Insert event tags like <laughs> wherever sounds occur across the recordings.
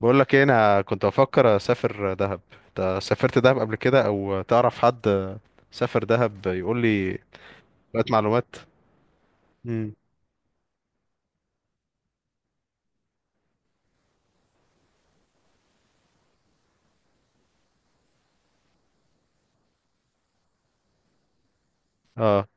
بقول لك ايه، انا كنت بفكر اسافر دهب. انت سافرت دهب قبل كده او تعرف حد سافر دهب يقول لي شويه معلومات؟ امم اه،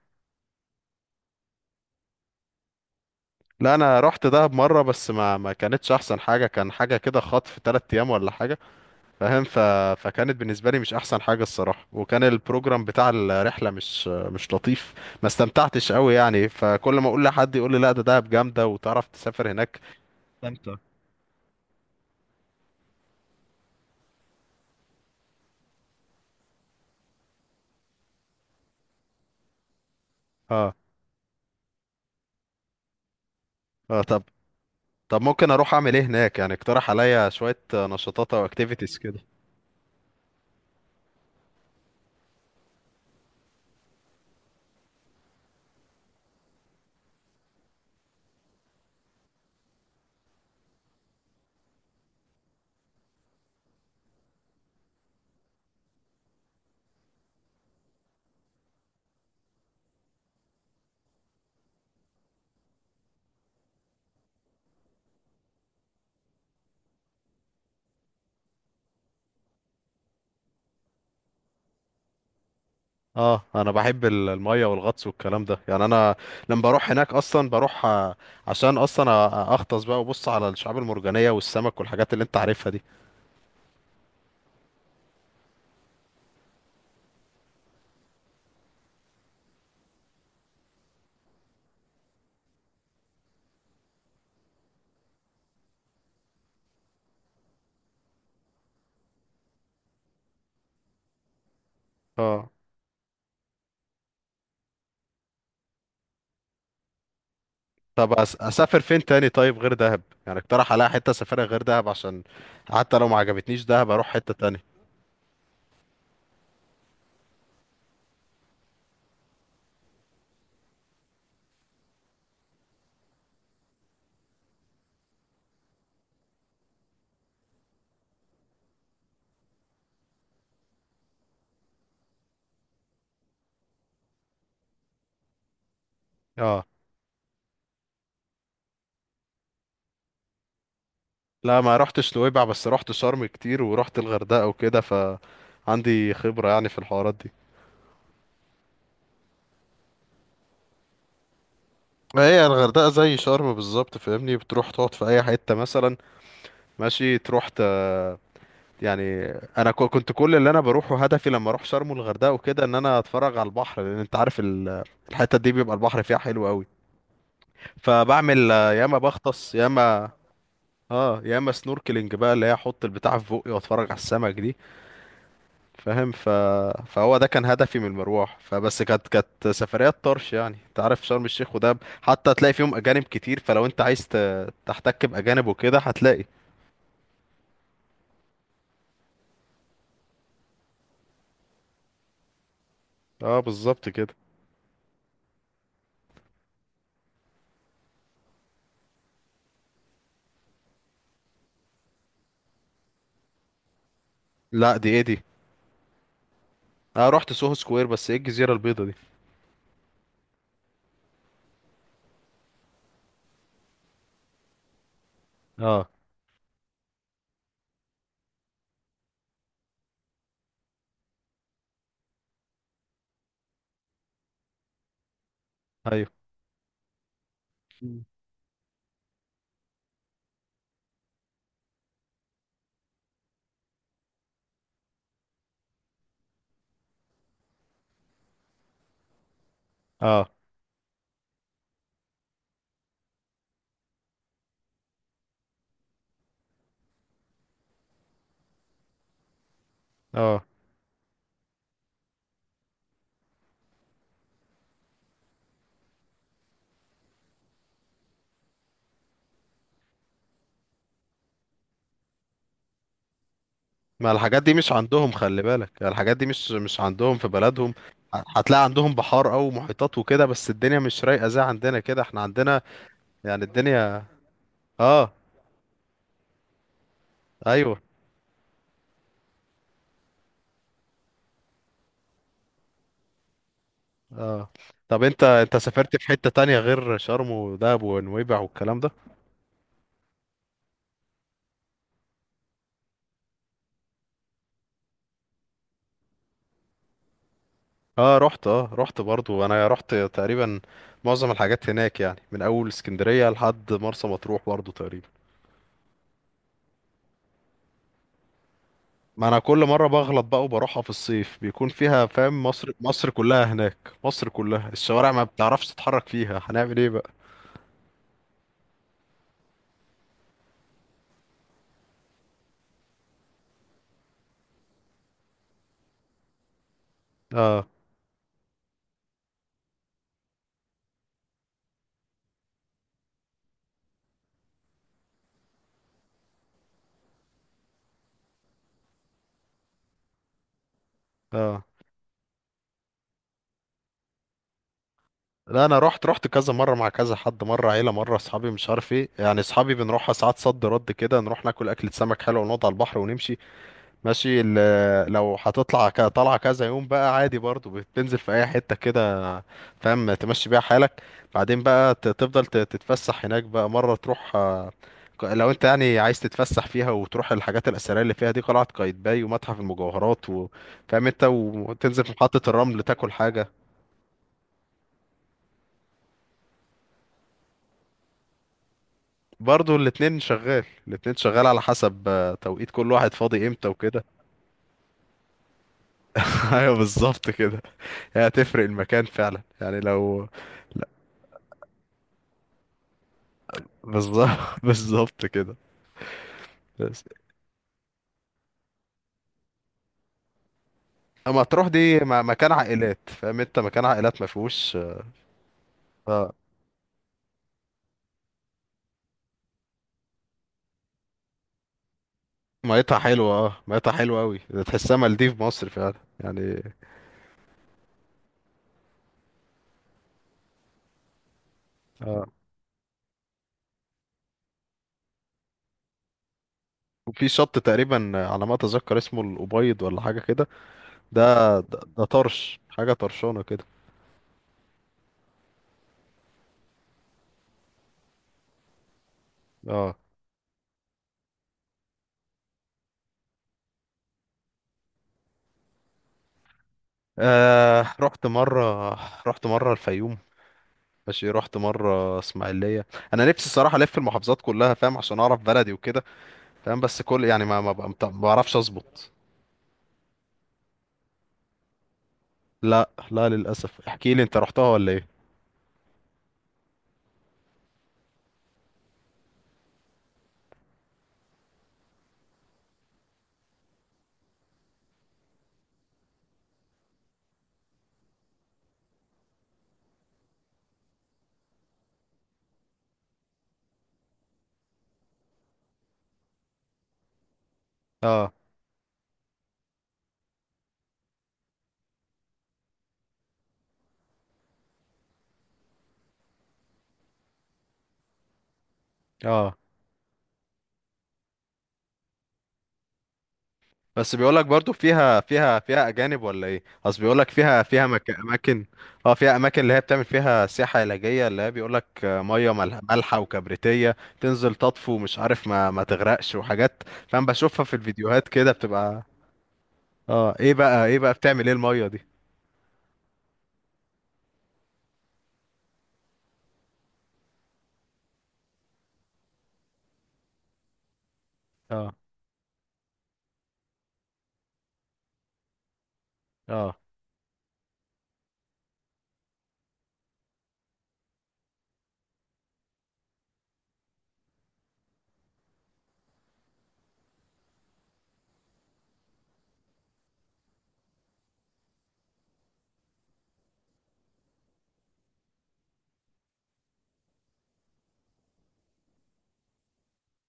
لا انا رحت دهب مره، بس ما كانتش احسن حاجه، كان حاجه كده خطف 3 ايام ولا حاجه فاهم. فكانت بالنسبه لي مش احسن حاجه الصراحه، وكان البروجرام بتاع الرحله مش لطيف. ما استمتعتش قوي يعني، فكل ما اقول لحد يقول لي لا ده دهب جامده وتعرف تسافر هناك استمتع. اه، اه، طب ممكن اروح اعمل ايه هناك يعني؟ اقترح عليا شوية نشاطات او اكتيفيتيز كده. اه، انا بحب المية والغطس والكلام ده يعني. انا لما بروح هناك اصلا بروح عشان اصلا اغطس بقى وبص على الشعاب المرجانية والسمك والحاجات اللي انت عارفها دي. اه طب، اسافر فين تاني طيب غير دهب؟ يعني اقترح عليا حتة اسافرها غير دهب، عشان حتى لو ما عجبتنيش دهب اروح حتة تانية. اه، لا ما رحتش نويبع، بس رحت شرم كتير ورحت الغردقة وكده، فعندي خبرة يعني في الحوارات دي. هي الغردقة زي شرم بالظبط فاهمني، بتروح تقعد في أي حتة مثلا ماشي، تروح يعني أنا كنت كل اللي أنا بروحه هدفي لما أروح شرم والغردقة وكده إن أنا أتفرج على البحر، لأن أنت عارف الحتة دي بيبقى البحر فيها حلو أوي. فبعمل يا إما بغطس، يا إما سنوركلينج بقى، اللي هي أحط البتاع في بقي وأتفرج على السمك دي فاهم. فهو ده كان هدفي من المروح، فبس كانت سفريات طرش يعني. انت عارف شرم الشيخ ودهب حتى هتلاقي فيهم اجانب كتير، فلو انت عايز تحتك باجانب وكده هتلاقي. اه بالظبط كده. لا دي ايه دي؟ انا رحت سوهو سكوير، بس ايه الجزيره البيضاء دي؟ اه، ايوه، مم. اه، اه، ما الحاجات دي مش عندهم خلي بالك، يعني الحاجات دي مش عندهم في بلدهم. هتلاقي عندهم بحار او محيطات وكده، بس الدنيا مش رايقه زي عندنا كده، احنا عندنا يعني الدنيا. اه، ايوه، طب انت سافرت في حتة تانية غير شرم ودهب ونويبع والكلام ده؟ اه، رحت برضو، انا رحت تقريبا معظم الحاجات هناك يعني، من اول اسكندرية لحد مرسى مطروح برضو تقريبا. ما انا كل مرة بغلط بقى وبروحها في الصيف، بيكون فيها فاهم، مصر مصر كلها هناك. مصر كلها الشوارع ما بتعرفش تتحرك فيها، هنعمل ايه بقى؟ اه، اه، لا انا رحت كذا مره مع كذا حد، مره عيله، مره اصحابي مش عارف ايه يعني. اصحابي بنروحها ساعات صد رد كده، نروح ناكل اكله سمك حلوه ونقعد على البحر ونمشي ماشي. لو هتطلع طلعه كذا يوم بقى عادي، برضو بتنزل في اي حته كده فاهم، تمشي بيها حالك، بعدين بقى تفضل تتفسح هناك بقى مره تروح لو انت يعني عايز تتفسح فيها وتروح الحاجات الاثريه اللي فيها دي، قلعه قايتباي ومتحف المجوهرات وفاهم انت، وتنزل في محطه الرمل تاكل حاجه. برضو الاتنين شغال، الاتنين شغال، على حسب توقيت كل واحد فاضي امتى وكده. <laughs> ايوه بالظبط كده. هي هتفرق المكان فعلا يعني لو. بالظبط <laughs> بالظبط كده. بس اما تروح دي مكان عائلات فاهم انت، مكان عائلات ما فيهوش. اه، ميتها حلوه، اه ميتها حلوه قوي، تحسها مالديف مصر فعلا يعني. اه، وفي شط تقريبا على ما اتذكر اسمه الابيض ولا حاجه كده. ده طرش، حاجه طرشانه كده. اه، آه رحت مرة، رحت مرة الفيوم ماشي، رحت مرة اسماعيلية. انا نفسي الصراحة الف المحافظات كلها فاهم، عشان اعرف بلدي وكده فاهم، بس كل يعني ما بعرفش اظبط. لا، لا، للاسف، احكي لي انت رحتها ولا ايه؟ اه، اه، بس بيقولك برضو فيها، فيها اجانب ولا ايه؟ اصل بيقولك فيها، اماكن. اه، فيها اماكن اللي هي بتعمل فيها سياحة علاجية اللي هي بيقولك مية مالحة وكبريتية، تنزل تطفو مش عارف ما تغرقش وحاجات فاهم، بشوفها في الفيديوهات كده بتبقى. اه، ايه بقى بتعمل ايه المية دي؟ اه، اه،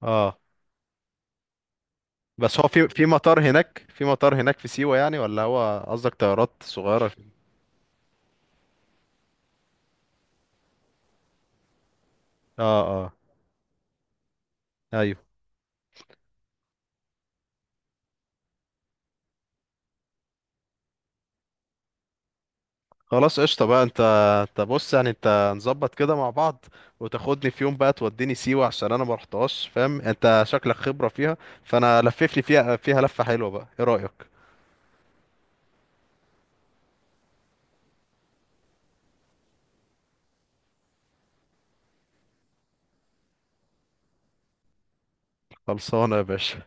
اه، بس هو في مطار هناك، في سيوة يعني، ولا هو قصدك طيارات صغيرة؟ اه، اه، ايوه، خلاص قشطة بقى. انت بص يعني انت نظبط كده مع بعض، وتاخدني في يوم بقى توديني سيوة عشان انا ما رحتهاش، فاهم انت شكلك خبرة فيها. فانا لففني فيها لفة حلوة، بقى ايه رأيك؟ خلصانة يا باشا.